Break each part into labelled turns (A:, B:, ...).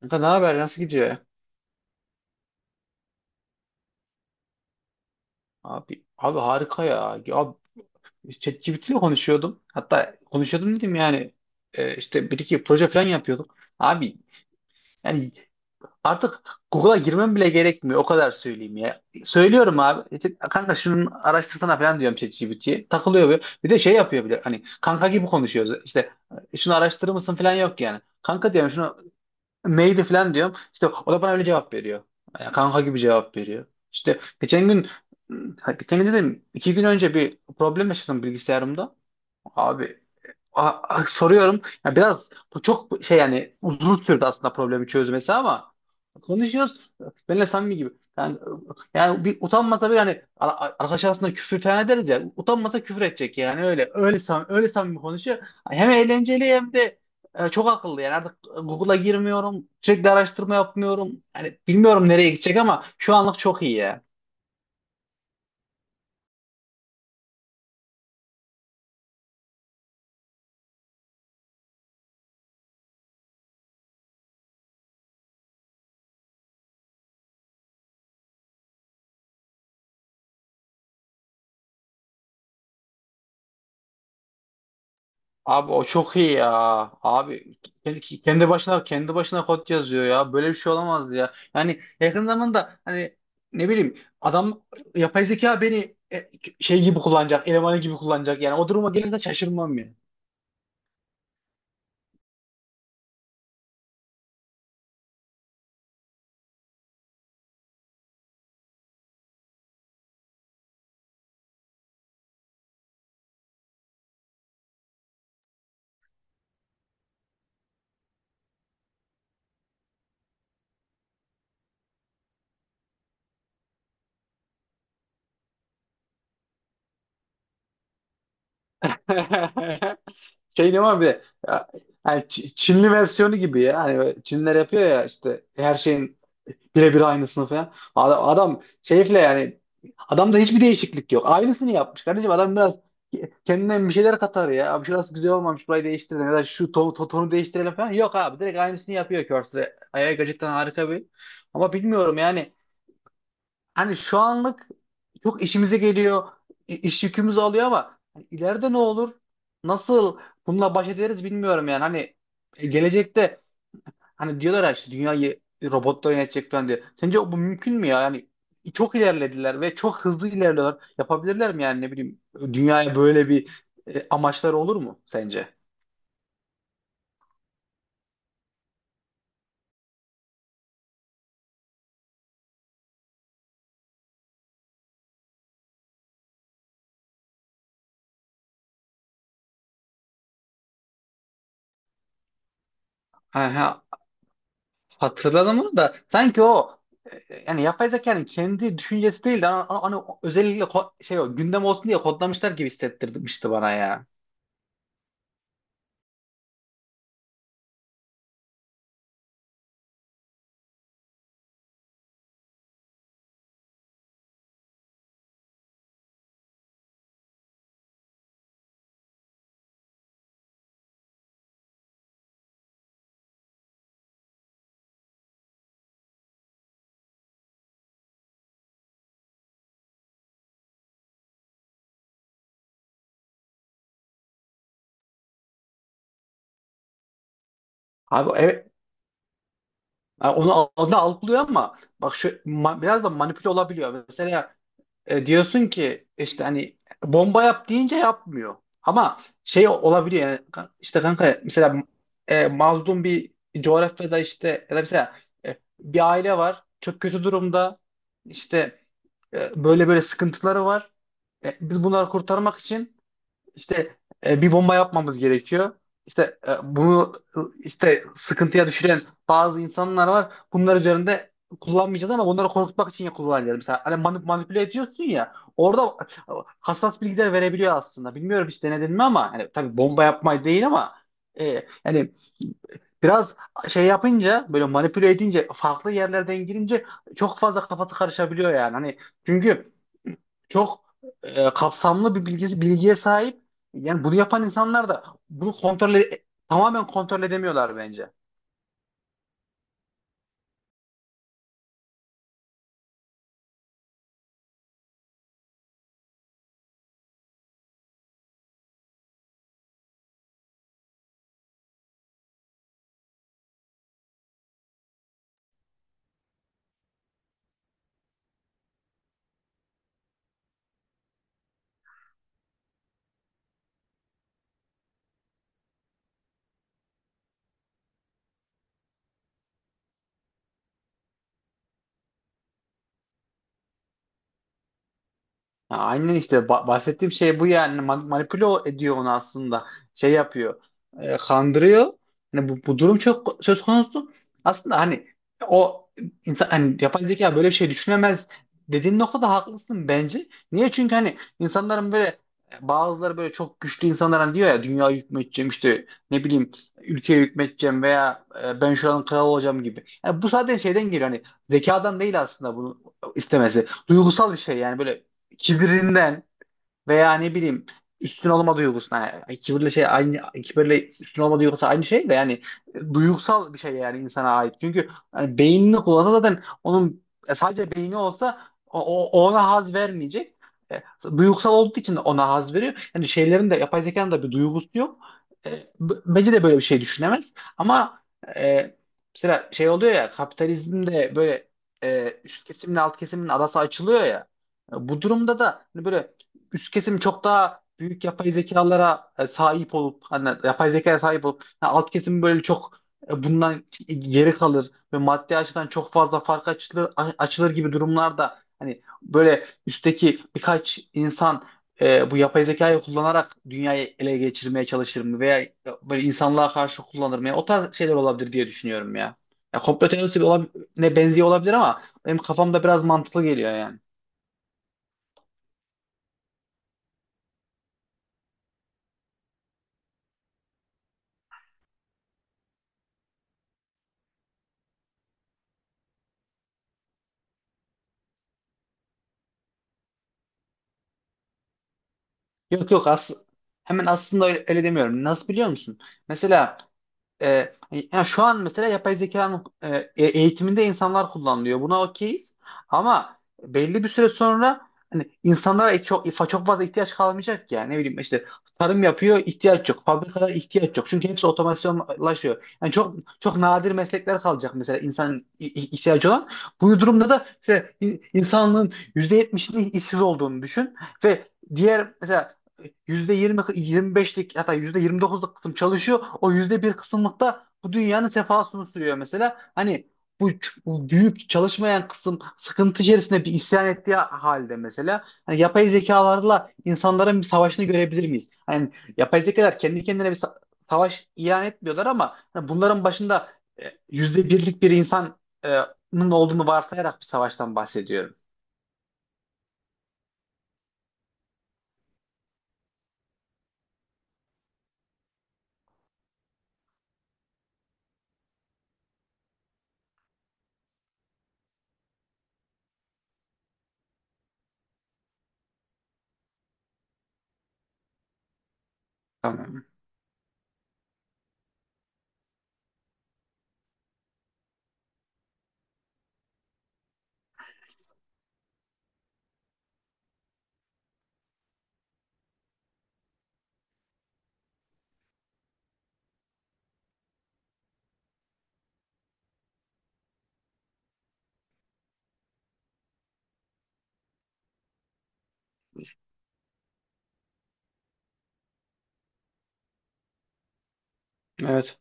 A: Kanka, ne haber? Nasıl gidiyor ya? Abi harika ya. Ya abi, ChatGPT ile konuşuyordum. Hatta konuşuyordum dedim yani işte bir iki proje falan yapıyorduk. Abi yani artık Google'a girmem bile gerekmiyor. O kadar söyleyeyim ya. Söylüyorum abi. İşte, kanka şunun araştırsana falan diyorum ChatGPT'ye. Takılıyor böyle. Bir de şey yapıyor bile. Hani kanka gibi konuşuyoruz. İşte, "E, şunu araştırır mısın falan yok yani. Kanka diyorum şunu neydi falan diyorum. İşte o da bana öyle cevap veriyor. Yani kanka gibi cevap veriyor. İşte geçen gün, ha, geçen gün dedim, iki gün önce bir problem yaşadım bilgisayarımda. Abi, soruyorum. Ya biraz bu çok şey yani uzun sürdü aslında problemi çözmesi ama konuşuyoruz. Benimle samimi gibi. Yani, yani bir utanmasa bir hani arkadaş arasında küfür tane ederiz ya. Utanmasa küfür edecek yani öyle samimi konuşuyor. Hem eğlenceli hem de çok akıllı yani artık Google'a girmiyorum. Sürekli araştırma yapmıyorum. Yani bilmiyorum nereye gidecek ama şu anlık çok iyi ya. Abi o çok iyi ya. Abi kendi başına kod yazıyor ya. Böyle bir şey olamaz ya. Yani yakın zamanda hani ne bileyim adam yapay zeka beni şey gibi kullanacak, elemanı gibi kullanacak. Yani o duruma gelirse şaşırmam ya. Şey ne var bir de ya, yani Çinli versiyonu gibi ya. Hani böyle Çinliler yapıyor ya işte her şeyin birebir aynısını falan. Adam şeyfle yani adamda hiçbir değişiklik yok. Aynısını yapmış kardeşim. Adam biraz kendinden bir şeyler katar ya. Abi şurası güzel olmamış, burayı değiştirelim ya da şu tonu değiştirelim falan. Yok abi, direkt aynısını yapıyor Curse. Ayağı gerçekten harika bir. Ama bilmiyorum yani, hani şu anlık çok işimize geliyor. İş yükümüzü alıyor ama hani ileride ne olur? Nasıl bununla baş ederiz bilmiyorum yani. Hani gelecekte hani diyorlar ya işte dünyayı robotlar yönetecek falan diye. Sence bu mümkün mü ya? Yani çok ilerlediler ve çok hızlı ilerliyorlar. Yapabilirler mi yani, ne bileyim, dünyaya böyle bir amaçları olur mu sence? Aha, hatırladım onu da. Sanki o yani yapay zekanın kendi düşüncesi değil de hani özellikle şey o gündem olsun diye kodlamışlar gibi hissettirmişti bana ya. Abi evet, yani onu algılıyor ama bak şu biraz da manipüle olabiliyor. Mesela e, diyorsun ki işte hani bomba yap deyince yapmıyor. Ama şey olabiliyor yani işte kanka mesela mazlum bir coğrafyada işte, ya da mesela bir aile var çok kötü durumda, işte böyle böyle sıkıntıları var. E, biz bunları kurtarmak için işte bir bomba yapmamız gerekiyor. İşte bunu, işte sıkıntıya düşüren bazı insanlar var. Bunlar üzerinde kullanmayacağız ama bunları korkutmak için ya kullanacağız. Mesela hani manipüle ediyorsun ya, orada hassas bilgiler verebiliyor aslında. Bilmiyorum hiç denedin mi ama hani, tabii bomba yapmayı değil ama e, yani biraz şey yapınca, böyle manipüle edince, farklı yerlerden girince çok fazla kafası karışabiliyor yani. Hani çünkü çok kapsamlı bir bilgiye sahip. Yani bunu yapan insanlar da bunu tamamen kontrol edemiyorlar bence. Ha, aynen işte bahsettiğim şey bu yani. Manipüle ediyor onu aslında, şey yapıyor, kandırıyor. Hani bu durum çok söz konusu aslında. Hani o insan, hani yapay zeka böyle bir şey düşünemez dediğin noktada haklısın bence. Niye? Çünkü hani insanların böyle bazıları, böyle çok güçlü insanların diyor ya, dünya hükmedeceğim, işte ne bileyim ülkeye hükmedeceğim veya ben şuranın kralı olacağım gibi, yani bu sadece şeyden geliyor, hani zekadan değil. Aslında bunu istemesi duygusal bir şey yani, böyle kibirinden. Veya ne bileyim, üstün olma duygusu. Yani kibirle şey aynı, kibirle üstün olma duygusu aynı şey de yani, duygusal bir şey yani, insana ait. Çünkü yani beynini kullansa, zaten onun sadece beyni olsa o, ona haz vermeyecek. E, Duygusal olduğu için ona haz veriyor. Yani şeylerin de, yapay zekanın da bir duygusu yok. E, Bence de böyle bir şey düşünemez. Ama e, mesela şey oluyor ya, kapitalizmde böyle üst kesimle alt kesimin arası açılıyor ya. E, bu durumda da hani böyle üst kesim çok daha büyük yapay zekalara sahip olup, hani yapay zekaya sahip olup, ha, alt kesim böyle çok bundan geri kalır ve maddi açıdan çok fazla fark açılır gibi durumlarda, hani böyle üstteki birkaç insan bu yapay zekayı kullanarak dünyayı ele geçirmeye çalışır mı, veya böyle insanlığa karşı kullanır mı? Yani o tarz şeyler olabilir diye düşünüyorum ya. Ya komplo teorisi ne benziyor olabilir ama benim kafamda biraz mantıklı geliyor yani. Yok yok as Hemen aslında öyle demiyorum. Nasıl biliyor musun? Mesela e, yani şu an mesela yapay zekanın eğitiminde insanlar kullanılıyor. Buna okeyiz. Ama belli bir süre sonra hani insanlara çok çok fazla ihtiyaç kalmayacak yani. Ne bileyim işte, tarım yapıyor, ihtiyaç yok. Fabrikalar, ihtiyaç yok. Çünkü hepsi otomasyonlaşıyor. Yani çok çok nadir meslekler kalacak, mesela insan ihtiyacı olan. Bu durumda da işte insanlığın %70'inin işsiz olduğunu düşün ve diğer mesela yüzde 25'lik, hatta yüzde 29'luk kısım çalışıyor. O yüzde bir kısımlıkta bu dünyanın sefasını sürüyor mesela. Hani bu büyük çalışmayan kısım sıkıntı içerisinde bir isyan ettiği halde, mesela hani yapay zekalarla insanların bir savaşını görebilir miyiz? Hani yapay zekalar kendi kendine bir savaş ilan etmiyorlar ama hani bunların başında e, yüzde birlik bir insanın olduğunu varsayarak bir savaştan bahsediyorum. Tamam. Evet.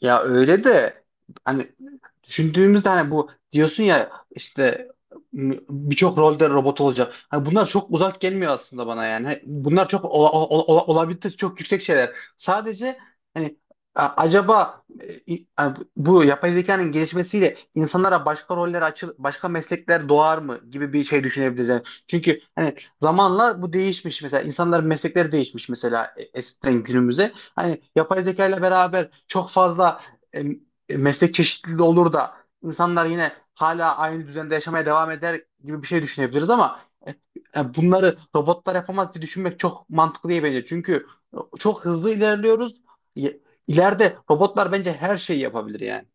A: Ya öyle de hani düşündüğümüzde, hani bu diyorsun ya işte birçok rolde robot olacak. Hani bunlar çok uzak gelmiyor aslında bana yani. Hani bunlar çok olabilitesi çok yüksek şeyler. Sadece hani acaba hani bu yapay zekanın gelişmesiyle insanlara başka roller açıl, başka meslekler doğar mı gibi bir şey düşünebiliriz. Yani çünkü hani zamanla bu değişmiş, mesela insanların meslekleri değişmiş mesela, eskiden günümüze, hani yapay zeka ile beraber çok fazla e, meslek çeşitliliği olur da insanlar yine hala aynı düzende yaşamaya devam eder gibi bir şey düşünebiliriz ama e, yani bunları robotlar yapamaz diye düşünmek çok mantıklı değil bence. Çünkü çok hızlı ilerliyoruz. İleride robotlar bence her şeyi yapabilir yani.